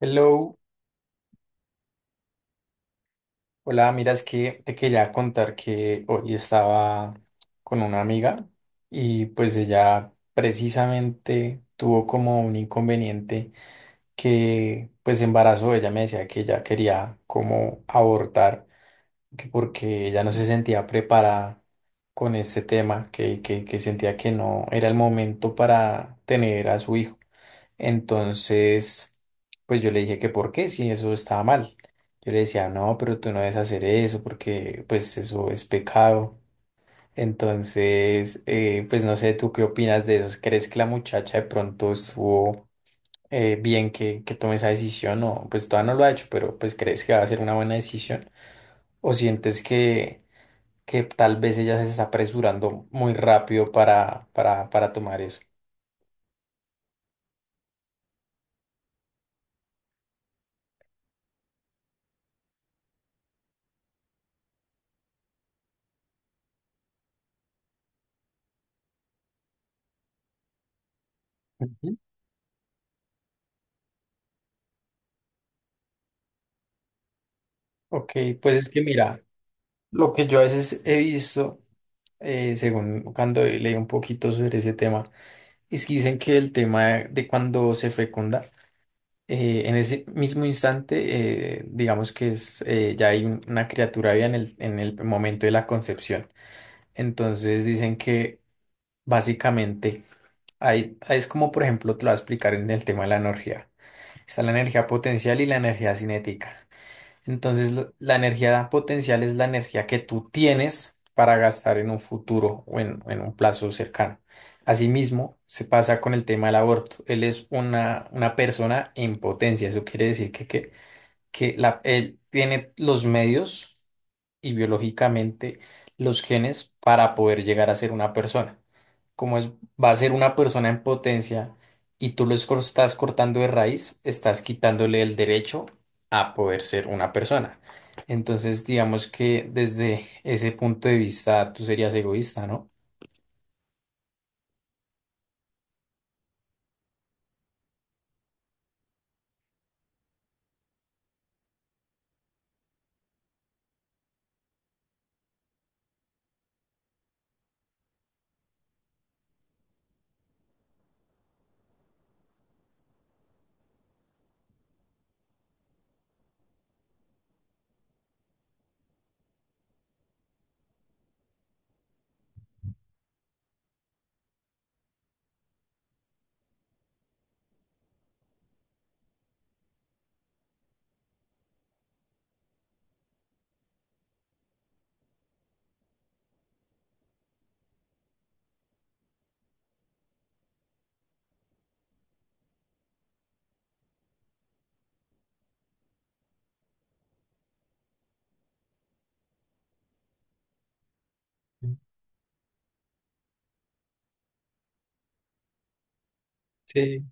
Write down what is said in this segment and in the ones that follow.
Hello, hola, mira, es que te quería contar que hoy estaba con una amiga y pues ella precisamente tuvo como un inconveniente que pues embarazó. Ella me decía que ella quería como abortar, que porque ella no se sentía preparada con este tema, que sentía que no era el momento para tener a su hijo. Entonces, pues yo le dije que por qué, si eso estaba mal. Yo le decía, no, pero tú no debes hacer eso porque pues eso es pecado. Entonces, pues no sé, ¿tú qué opinas de eso? ¿Crees que la muchacha de pronto estuvo bien que tome esa decisión? O pues todavía no lo ha hecho, pero pues ¿crees que va a ser una buena decisión? ¿O sientes que tal vez ella se está apresurando muy rápido para tomar eso? Ujú. Ok, pues es que mira, lo que yo a veces he visto, según cuando leí un poquito sobre ese tema, es que dicen que el tema de cuando se fecunda, en ese mismo instante, digamos que es, ya hay una criatura viva en en el momento de la concepción. Entonces dicen que básicamente hay, es como, por ejemplo, te lo voy a explicar en el tema de la energía. Está la energía potencial y la energía cinética. Entonces, la energía potencial es la energía que tú tienes para gastar en un futuro o en un plazo cercano. Asimismo, se pasa con el tema del aborto. Él es una persona en potencia. Eso quiere decir que él tiene los medios y biológicamente los genes para poder llegar a ser una persona. Como es, va a ser una persona en potencia y tú lo estás cortando de raíz, estás quitándole el derecho a poder ser una persona. Entonces, digamos que desde ese punto de vista tú serías egoísta, ¿no? Sí.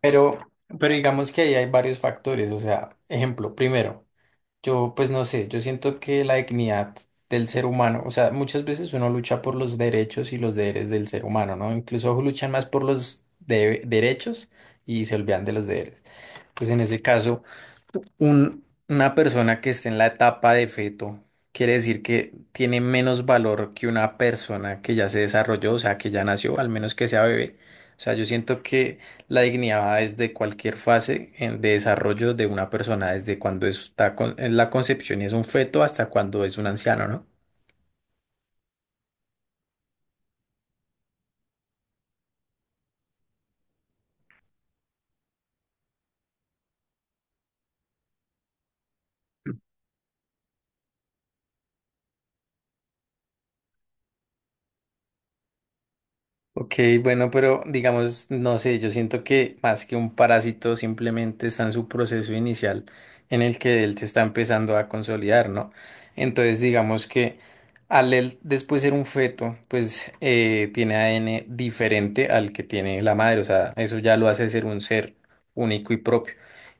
Pero, pero digamos que ahí hay varios factores. O sea, ejemplo, primero. Yo, pues no sé, yo siento que la dignidad del ser humano, o sea, muchas veces uno lucha por los derechos y los deberes del ser humano, ¿no? Incluso luchan más por los derechos y se olvidan de los deberes. Pues en ese caso una persona que esté en la etapa de feto quiere decir que tiene menos valor que una persona que ya se desarrolló, o sea, que ya nació, al menos que sea bebé. O sea, yo siento que la dignidad es de cualquier fase de desarrollo de una persona, desde cuando está en la concepción y es un feto hasta cuando es un anciano, ¿no? Ok, bueno, pero digamos, no sé, yo siento que más que un parásito simplemente está en su proceso inicial en el que él se está empezando a consolidar, ¿no? Entonces, digamos que al él después ser un feto, pues tiene ADN diferente al que tiene la madre, o sea, eso ya lo hace ser un ser único y propio.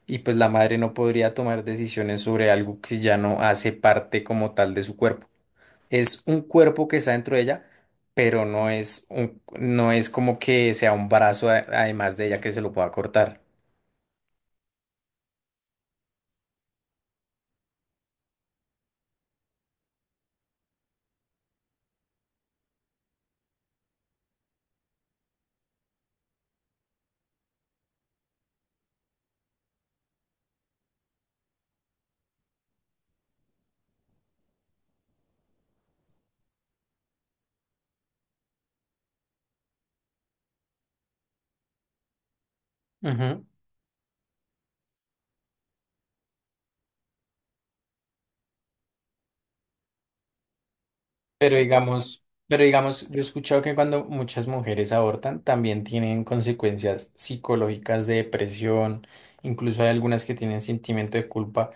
Y pues la madre no podría tomar decisiones sobre algo que ya no hace parte como tal de su cuerpo. Es un cuerpo que está dentro de ella, pero no es un, no es como que sea un brazo además de ella que se lo pueda cortar. Ujú. Pero digamos, yo he escuchado que cuando muchas mujeres abortan también tienen consecuencias psicológicas de depresión, incluso hay algunas que tienen sentimiento de culpa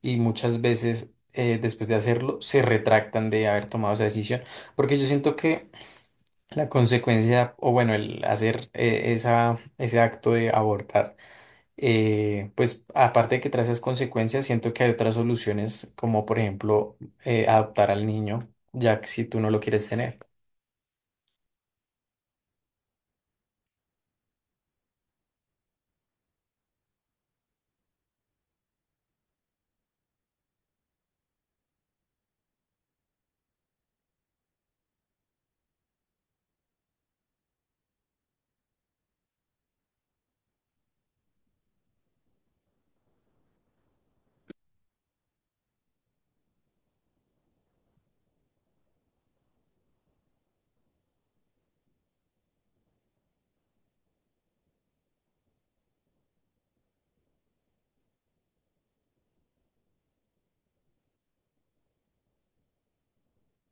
y muchas veces después de hacerlo se retractan de haber tomado esa decisión, porque yo siento que la consecuencia, o bueno, el hacer ese acto de abortar pues aparte de que trae esas consecuencias, siento que hay otras soluciones, como por ejemplo adoptar al niño, ya que si tú no lo quieres tener.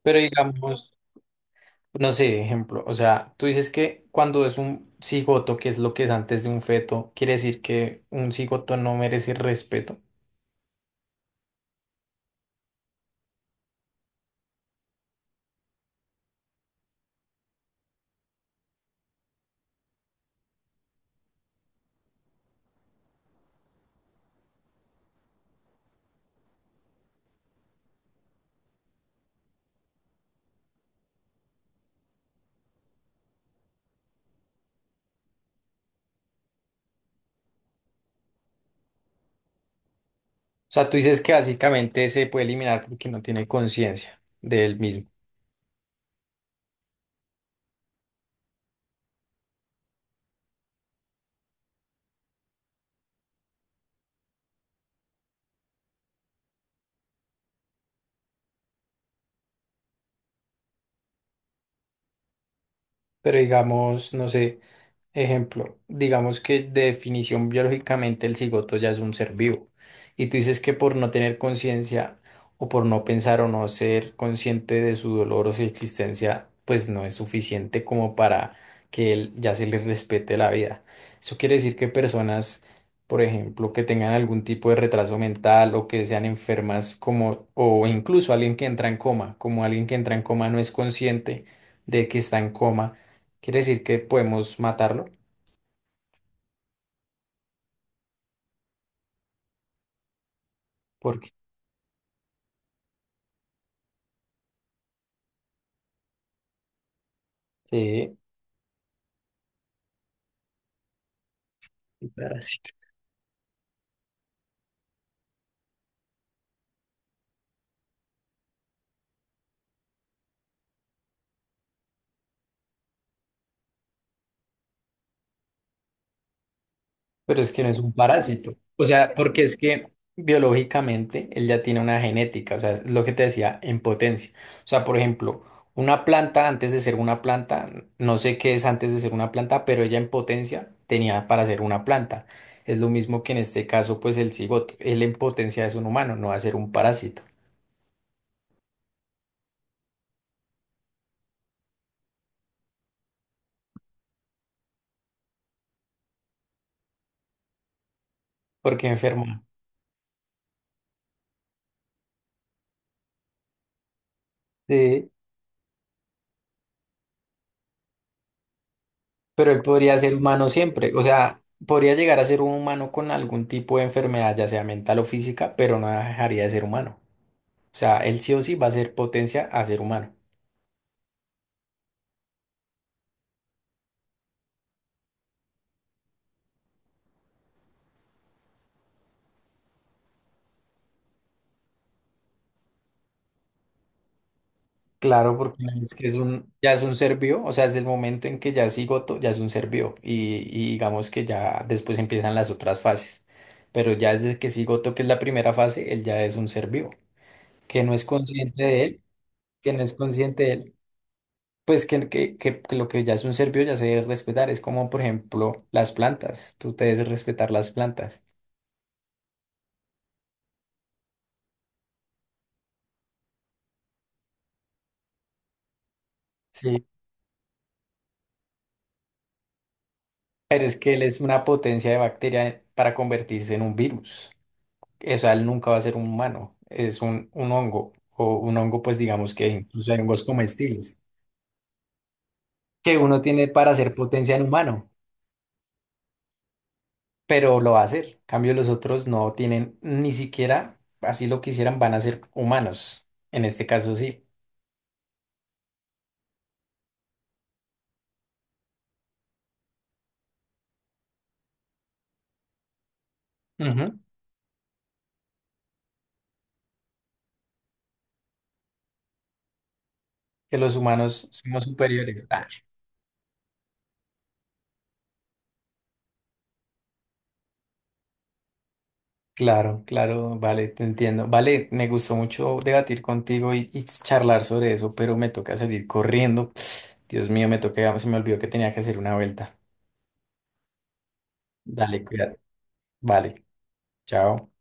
Pero digamos, no sé, ejemplo, o sea, tú dices que cuando es un cigoto, que es lo que es antes de un feto, quiere decir que un cigoto no merece respeto. O sea, tú dices que básicamente se puede eliminar porque no tiene conciencia de él mismo. Pero digamos, no sé, ejemplo, digamos que de definición biológicamente el cigoto ya es un ser vivo. Y tú dices que por no tener conciencia o por no pensar o no ser consciente de su dolor o su existencia, pues no es suficiente como para que él ya se le respete la vida. Eso quiere decir que personas, por ejemplo, que tengan algún tipo de retraso mental o que sean enfermas como, o incluso alguien que entra en coma, como alguien que entra en coma no es consciente de que está en coma. Quiere decir que podemos matarlo, porque sí. Un parásito. Pero es que no es un parásito. O sea, porque es que biológicamente él ya tiene una genética, o sea, es lo que te decía, en potencia. O sea, por ejemplo, una planta antes de ser una planta, no sé qué es antes de ser una planta, pero ella en potencia tenía para ser una planta. Es lo mismo que en este caso, pues el cigoto, él en potencia es un humano, no va a ser un parásito, porque enferma. Sí. Pero él podría ser humano siempre, o sea, podría llegar a ser un humano con algún tipo de enfermedad, ya sea mental o física, pero no dejaría de ser humano. O sea, él sí o sí va a ser potencia a ser humano. Claro, porque es que es un, ya es un ser vivo, o sea, desde el momento en que ya es cigoto, ya es un ser vivo, y digamos que ya después empiezan las otras fases. Pero ya desde que es cigoto, que es la primera fase, él ya es un ser vivo, que no es consciente de él, que no es consciente de él. Pues que lo que ya es un ser vivo ya se debe respetar. Es como, por ejemplo, las plantas. Tú te debes respetar las plantas. Sí. Pero es que él es una potencia de bacteria para convertirse en un virus. O sea, él nunca va a ser un humano. Es un hongo. O un hongo, pues digamos que incluso hay hongos comestibles. Que uno tiene para hacer potencia en humano. Pero lo va a hacer. En cambio, los otros no tienen ni siquiera, así lo quisieran, van a ser humanos. En este caso, sí. Ujú. Que los humanos somos superiores. Ah, claro, claro, vale, te entiendo. Vale, me gustó mucho debatir contigo y charlar sobre eso, pero me toca salir corriendo. Dios mío, me toca, se me olvidó que tenía que hacer una vuelta. Dale, cuidado. Vale, chao.